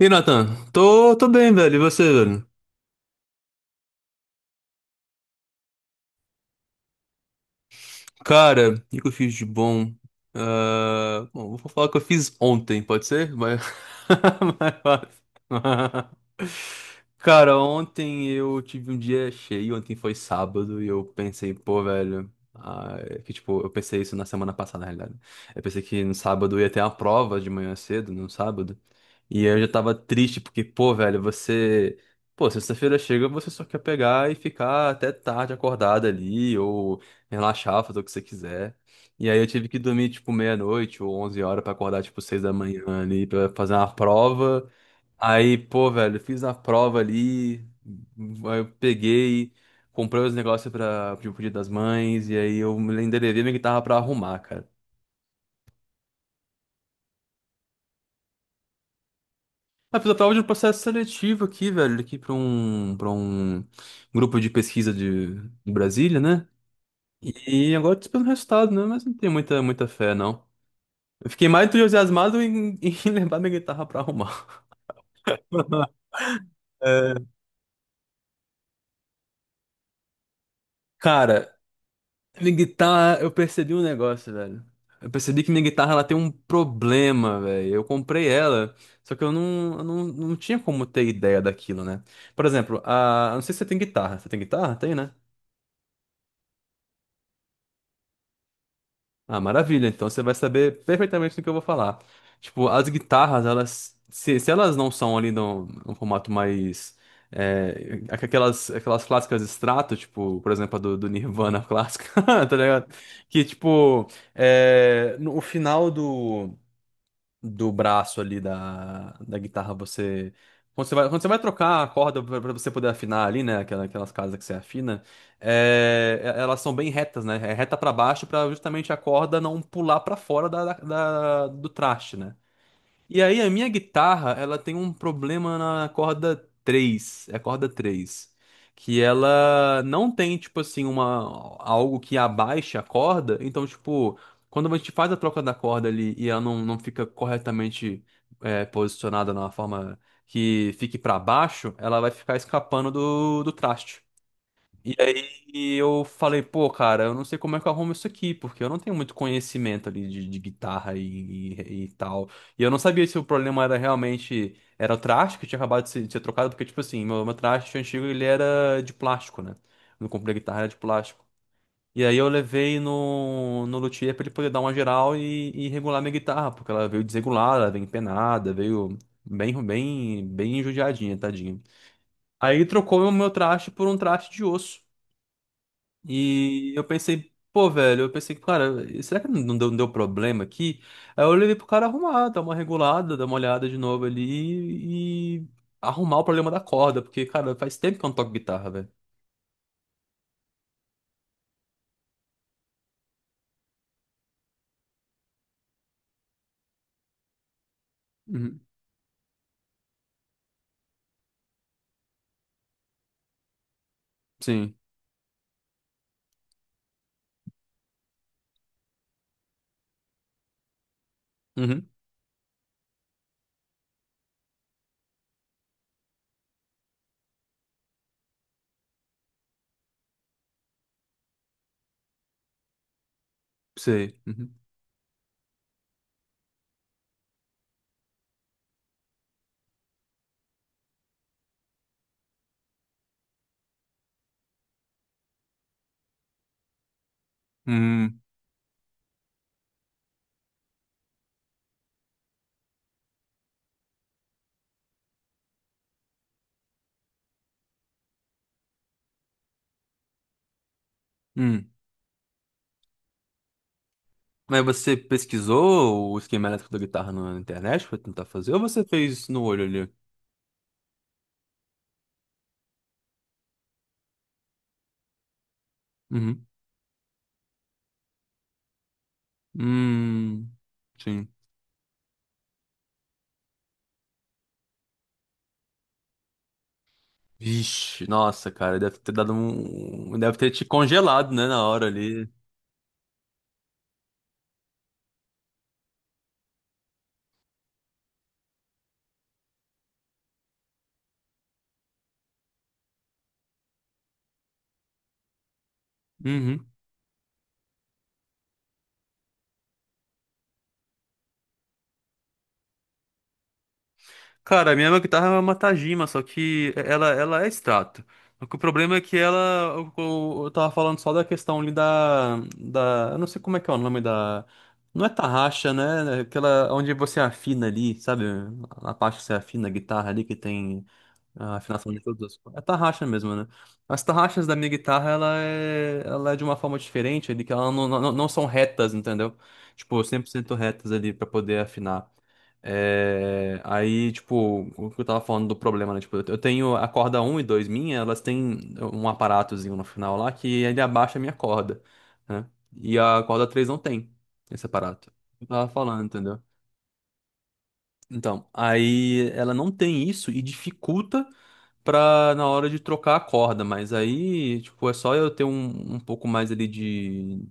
E Nathan? Tô bem, velho. E você, velho? Cara, o que que eu fiz de bom? Ah, bom, vou falar o que eu fiz ontem, pode ser? Mas- Cara, ontem eu tive um dia cheio, ontem foi sábado e eu pensei, pô, velho, ah, é que tipo, eu pensei isso na semana passada, na realidade. Eu pensei que no sábado ia ter uma prova de manhã cedo, no sábado. E eu já tava triste, porque, pô, velho, você. Pô, sexta-feira chega, você só quer pegar e ficar até tarde acordado ali, ou relaxar, fazer o que você quiser. E aí eu tive que dormir, tipo, meia-noite ou 11 horas pra acordar, tipo, 6 da manhã ali pra fazer uma prova. Aí, pô, velho, fiz a prova ali, aí eu peguei, comprei os negócios pro Dia das Mães, e aí eu me endereçei minha guitarra pra arrumar, cara. Mas fiz a prova de um processo seletivo aqui, velho, aqui pra um grupo de pesquisa de Brasília, né? E agora tô esperando o resultado, né? Mas não tenho muita, muita fé, não. Eu fiquei mais entusiasmado em, em levar minha guitarra pra arrumar. É, Cara, minha guitarra, eu percebi um negócio, velho. Eu percebi que minha guitarra ela tem um problema, velho. Eu comprei ela, só que eu não tinha como ter ideia daquilo, né? Por exemplo, eu não sei se você tem guitarra. Você tem guitarra? Tem, né? Ah, maravilha. Então você vai saber perfeitamente do que eu vou falar. Tipo, as guitarras, elas, se elas não são ali num, formato mais aquelas clássicas extrato, tipo, por exemplo, a do Nirvana clássica, tá ligado? Que tipo, é, no, o final do braço ali da guitarra, você. Quando você vai trocar a corda para você poder afinar ali, né? Aquelas casas que você afina, elas são bem retas, né? É reta para baixo para justamente a corda não pular para fora do traste, né? E aí a minha guitarra, ela tem um problema na corda 3, é a corda 3, que ela não tem tipo assim uma, algo que abaixe a corda, então tipo, quando a gente faz a troca da corda ali e ela não fica corretamente, posicionada na forma que fique para baixo, ela vai ficar escapando do traste. E aí eu falei, pô, cara, eu não sei como é que eu arrumo isso aqui, porque eu não tenho muito conhecimento ali de guitarra e tal. E eu não sabia se o problema era realmente, era o traste que tinha acabado de ser trocado, porque, tipo assim, meu traste antigo, ele era de plástico, né? Quando eu comprei a guitarra, era de plástico. E aí eu levei no luthier pra ele poder dar uma geral e regular minha guitarra, porque ela veio desregulada, veio empenada, veio bem, bem, bem judiadinha, tadinha. Aí ele trocou o meu traste por um traste de osso. E eu pensei, pô, velho, eu pensei, cara, será que não deu problema aqui? Aí eu levei pro cara arrumar, dar uma regulada, dar uma olhada de novo ali e arrumar o problema da corda, porque, cara, faz tempo que eu não toco guitarra, velho. Uhum. Sim. Uhum. Sei. Uhum. Hum. Hum. Mas você pesquisou o esquema elétrico da guitarra na internet pra tentar fazer? Ou você fez no olho ali? Uhum. Hum. Sim. Vixe, nossa, cara, deve ter dado um. Deve ter te congelado, né, na hora ali. Uhum. Cara, a minha guitarra é uma Tajima, só que ela é extrato. O problema é que ela. Eu tava falando só da questão ali da, eu não sei como é que é o nome da. Não é tarraxa, né? Aquela onde você afina ali, sabe? A parte que você afina a guitarra ali que tem. A afinação de todos os. É tarraxa mesmo, né? As tarraxas da minha guitarra, ela é de uma forma diferente, ali, que ela não são retas, entendeu? Tipo, 100% retas ali pra poder afinar. Aí, tipo, o que eu tava falando do problema, né? Tipo, eu tenho a corda um e 2 minha, elas têm um aparatozinho no final lá que ele abaixa a minha corda, né? E a corda 3 não tem esse aparato. Eu tava falando, entendeu? Então, aí ela não tem isso e dificulta pra na hora de trocar a corda, mas aí, tipo, é só eu ter um pouco mais ali de.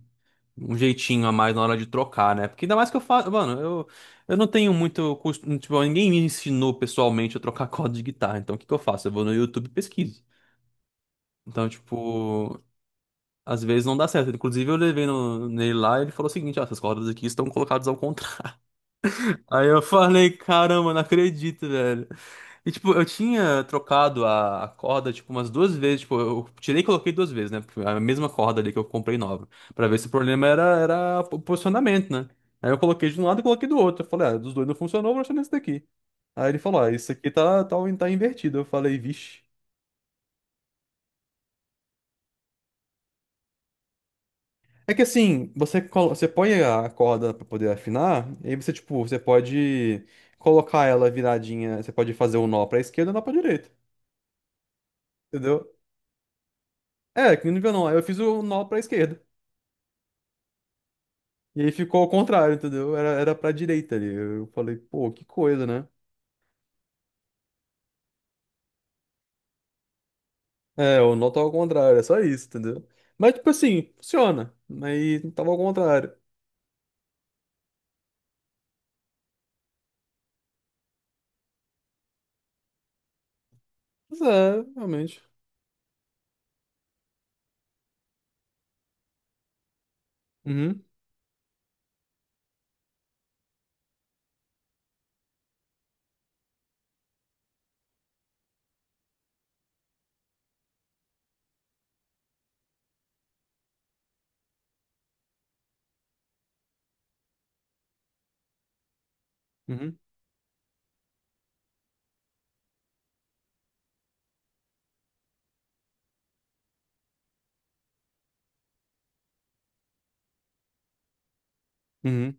Um jeitinho a mais na hora de trocar, né? Porque ainda mais que eu faço. Mano, eu não tenho muito. Tipo, ninguém me ensinou pessoalmente a trocar corda de guitarra. Então, o que que eu faço? Eu vou no YouTube e pesquiso. Então, tipo, às vezes não dá certo. Inclusive, eu levei no, nele lá e ele falou o seguinte: ah, essas cordas aqui estão colocadas ao contrário. Aí eu falei, caramba, não acredito, velho. E, tipo, eu tinha trocado a corda, tipo, umas duas vezes. Tipo, eu tirei e coloquei duas vezes, né? A mesma corda ali que eu comprei nova. Pra ver se o problema era o posicionamento, né? Aí eu coloquei de um lado e coloquei do outro. Eu falei, ah, dos dois não funcionou, vou deixar nesse daqui. Aí ele falou, ah, isso aqui tá invertido. Eu falei, vixe. É que assim, você põe a corda pra poder afinar, e aí você, tipo, você pode colocar ela viradinha, você pode fazer o um nó pra esquerda e um nó pra direita. Entendeu? É, que nível não. Aí eu fiz o nó pra esquerda. E aí ficou ao contrário, entendeu? Era pra direita ali. Eu falei, pô, que coisa, né? É, o nó tava ao contrário, é só isso, entendeu? Mas, tipo assim, funciona. Mas tava ao contrário. Mas é, realmente. Uhum, uhum, uhum,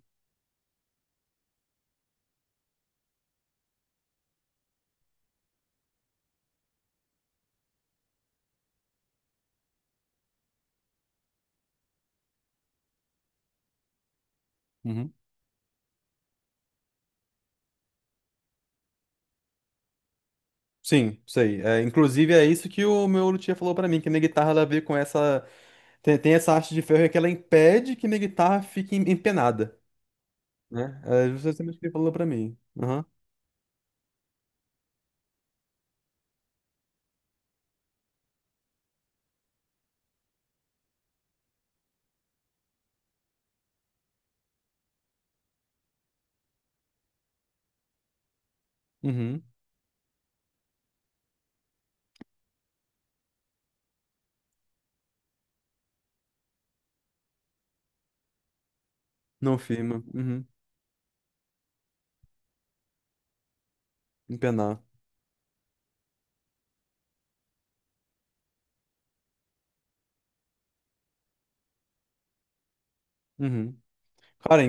uhum. Sim, sei. É, inclusive é isso que o meu luthier falou pra mim, que minha guitarra ela veio com essa. Tem essa haste de ferro que ela impede que minha guitarra fique empenada, né? É justamente o que ele falou pra mim. Aham. Uhum. Não firma. Uhum. Empenar. Uhum. Cara,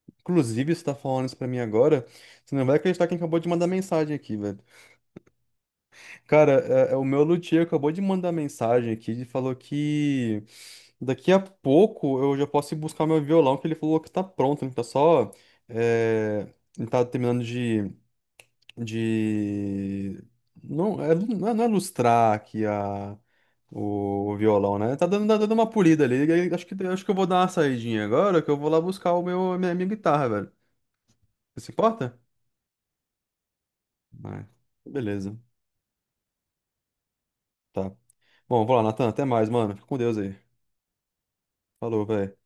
inclusive, você tá falando isso pra mim agora, você não vai acreditar quem acabou de mandar mensagem aqui, velho. Cara, é o meu luthier acabou de mandar mensagem aqui, ele falou que daqui a pouco eu já posso ir buscar meu violão, que ele falou que tá pronto, ele tá só... é, Ele tá terminando de não é lustrar aqui a o violão, né? Tá dando uma polida ali. E acho que eu vou dar uma saidinha agora, que eu vou lá buscar o meu a minha guitarra, velho. Você se importa? Ah, beleza. Tá. Bom, vou lá, Natan. Até mais, mano. Fica com Deus aí. Falou, velho.